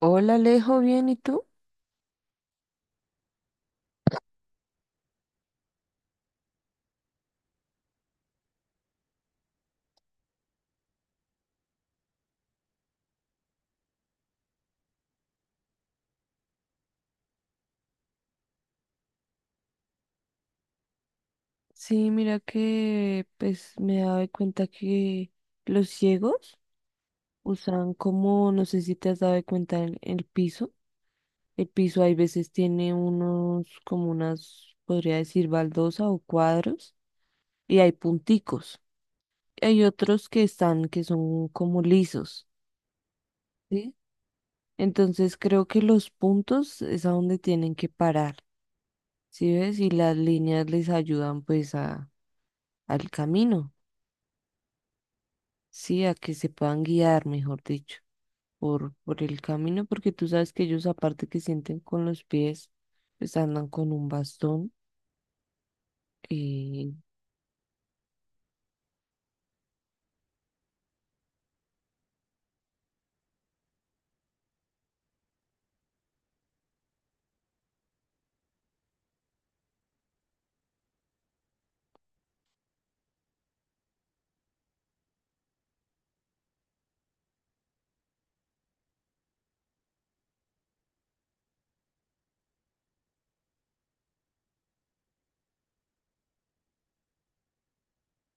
Hola, Alejo, ¿bien? ¿Y tú? Sí, mira que pues me he dado cuenta que los ciegos usan como, no sé si te has dado cuenta, el piso. El piso hay veces tiene unos, como unas, podría decir, baldosa o cuadros y hay punticos. Hay otros que están, que son como lisos, ¿sí? Entonces creo que los puntos es a donde tienen que parar, ¿sí ves? Y las líneas les ayudan pues a, al camino. Sí, a que se puedan guiar, mejor dicho, por el camino, porque tú sabes que ellos aparte que sienten con los pies, pues andan con un bastón. eh,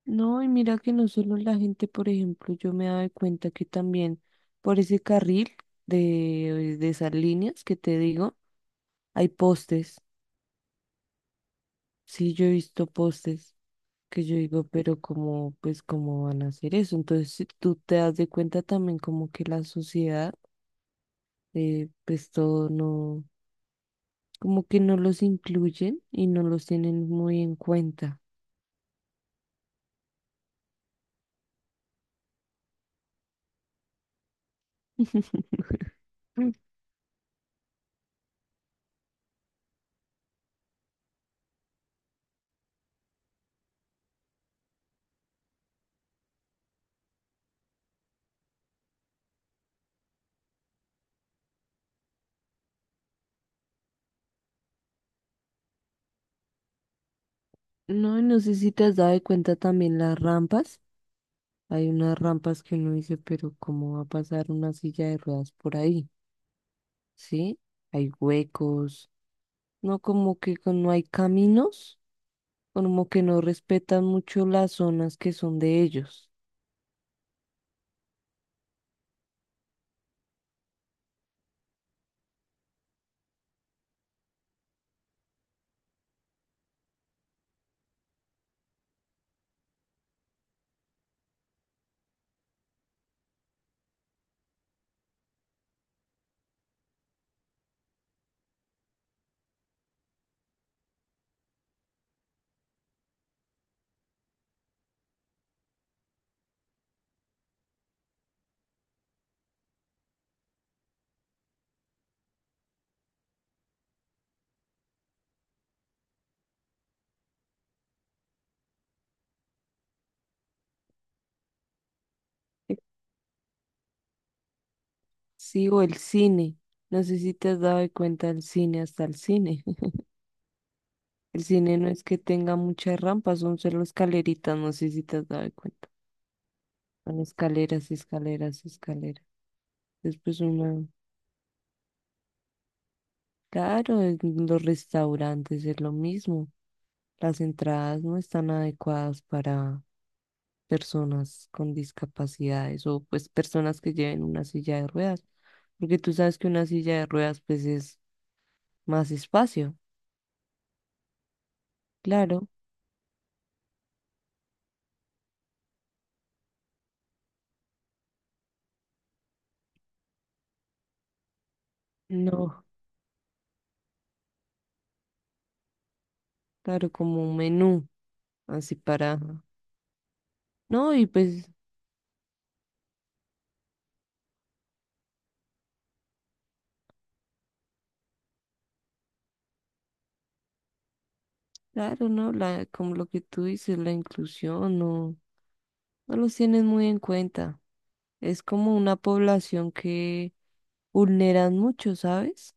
no, y mira que no solo la gente, por ejemplo, yo me daba cuenta que también por ese carril de esas líneas que te digo, hay postes. Sí, yo he visto postes que yo digo, pero como, pues, ¿cómo van a hacer eso? Entonces, si tú te das de cuenta también como que la sociedad, pues todo no, como que no los incluyen y no los tienen muy en cuenta. No, y no sé si te has dado de cuenta también las rampas. Hay unas rampas que uno dice, pero ¿cómo va a pasar una silla de ruedas por ahí? ¿Sí? Hay huecos. No, como que no hay caminos, como que no respetan mucho las zonas que son de ellos. Sí, o el cine. No sé si te has dado de cuenta el cine, hasta el cine. El cine no es que tenga muchas rampas, son solo escaleritas, no sé si te has dado cuenta. Son escaleras, escaleras, escaleras. Después una... Claro, en los restaurantes es lo mismo. Las entradas no están adecuadas para personas con discapacidades o pues personas que lleven una silla de ruedas, porque tú sabes que una silla de ruedas pues es más espacio. Claro, no, claro, como un menú, así para... No, y pues claro, ¿no? La, como lo que tú dices, la inclusión, no, no los tienen muy en cuenta. Es como una población que vulneran mucho, ¿sabes?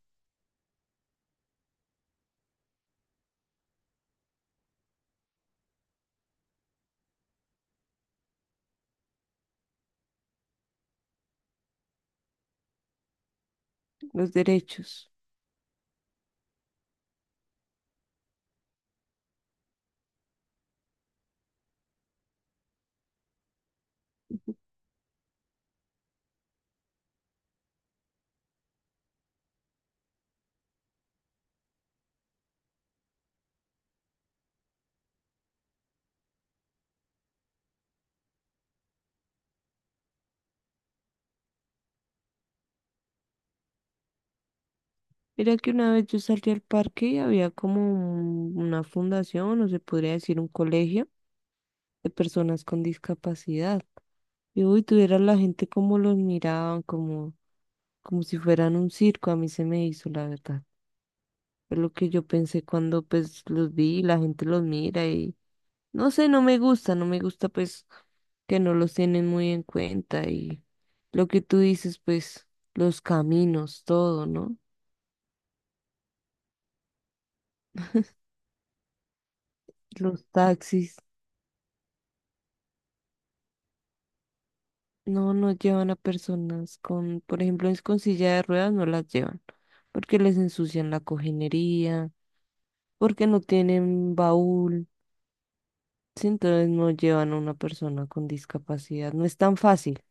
Los derechos. Ujú. Mira que una vez yo salí al parque y había como una fundación, o se podría decir un colegio de personas con discapacidad. Y uy, tuviera la gente como los miraban, como, como si fueran un circo, a mí se me hizo, la verdad. Es lo que yo pensé cuando pues los vi, la gente los mira y no sé, no me gusta, no me gusta pues que no los tienen muy en cuenta y lo que tú dices, pues los caminos, todo, ¿no? Los taxis. No, no llevan a personas con, por ejemplo, es con silla de ruedas, no las llevan, porque les ensucian la cojinería, porque no tienen baúl, sí, entonces no llevan a una persona con discapacidad. No es tan fácil,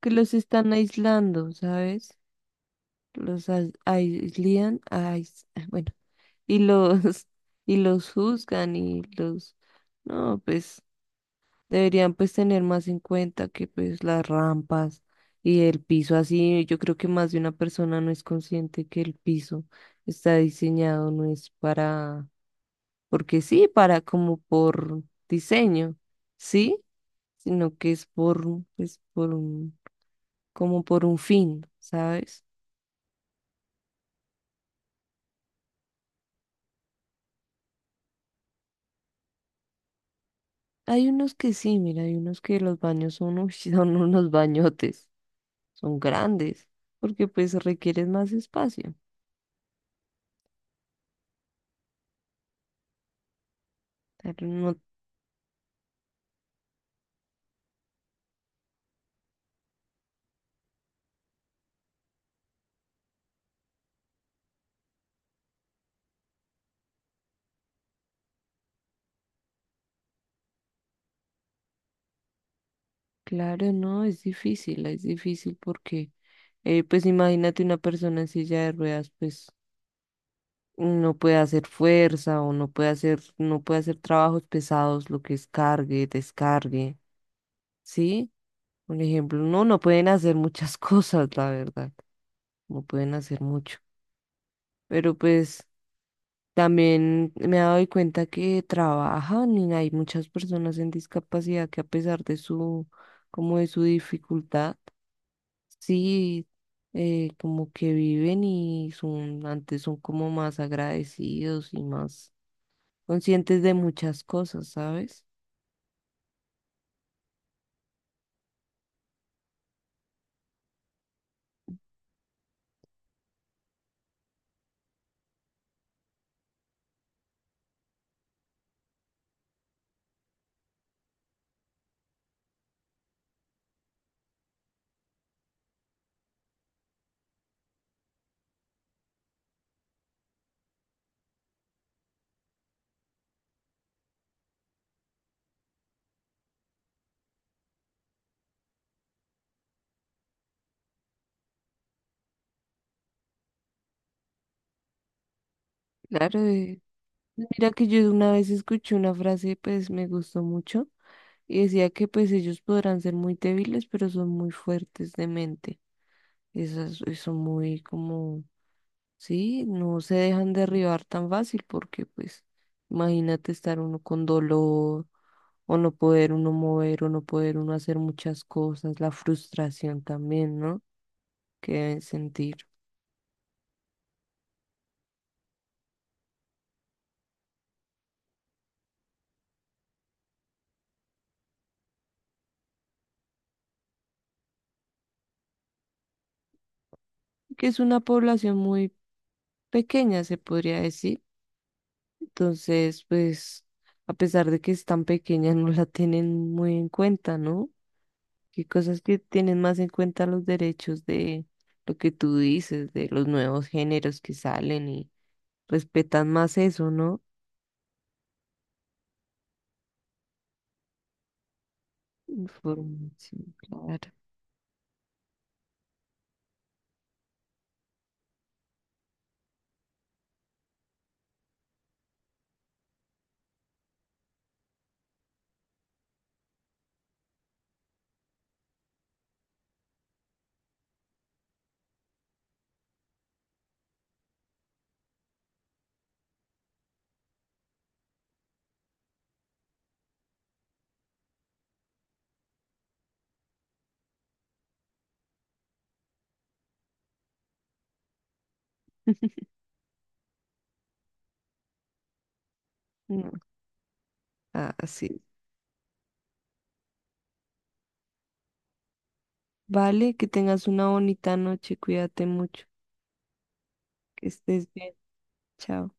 que los están aislando, ¿sabes? Aislan, bueno, y los, y los juzgan y los, no, pues deberían pues tener más en cuenta que pues las rampas y el piso así, yo creo que más de una persona no es consciente que el piso está diseñado, no es para, porque sí, para como por diseño, sí, sino que es por, pues por un, como por un fin, ¿sabes? Hay unos que sí, mira, hay unos que los baños son, uy, son unos bañotes, son grandes, porque pues requieren más espacio. Pero no. Claro, no, es difícil porque, pues imagínate una persona en silla de ruedas, pues no puede hacer fuerza o no puede hacer, no puede hacer trabajos pesados, lo que es cargue, descargue, ¿sí? Un ejemplo, no, no pueden hacer muchas cosas, la verdad, no pueden hacer mucho, pero pues también me he dado cuenta que trabajan y hay muchas personas en discapacidad que a pesar de su, como de su dificultad, sí, como que viven y son, antes son como más agradecidos y más conscientes de muchas cosas, ¿sabes? Claro, mira que yo una vez escuché una frase, pues me gustó mucho, y decía que pues ellos podrán ser muy débiles, pero son muy fuertes de mente. Esas son muy como, sí, no se dejan derribar tan fácil porque pues imagínate estar uno con dolor o no poder uno mover o no poder uno hacer muchas cosas, la frustración también, ¿no? Que deben sentir, que es una población muy pequeña, se podría decir. Entonces, pues, a pesar de que es tan pequeña, no la tienen muy en cuenta, ¿no? Que cosas que tienen más en cuenta los derechos de lo que tú dices, de los nuevos géneros que salen y respetan más eso, ¿no? Información, claro. No, así vale, que tengas una bonita noche, cuídate mucho, que estés bien, chao.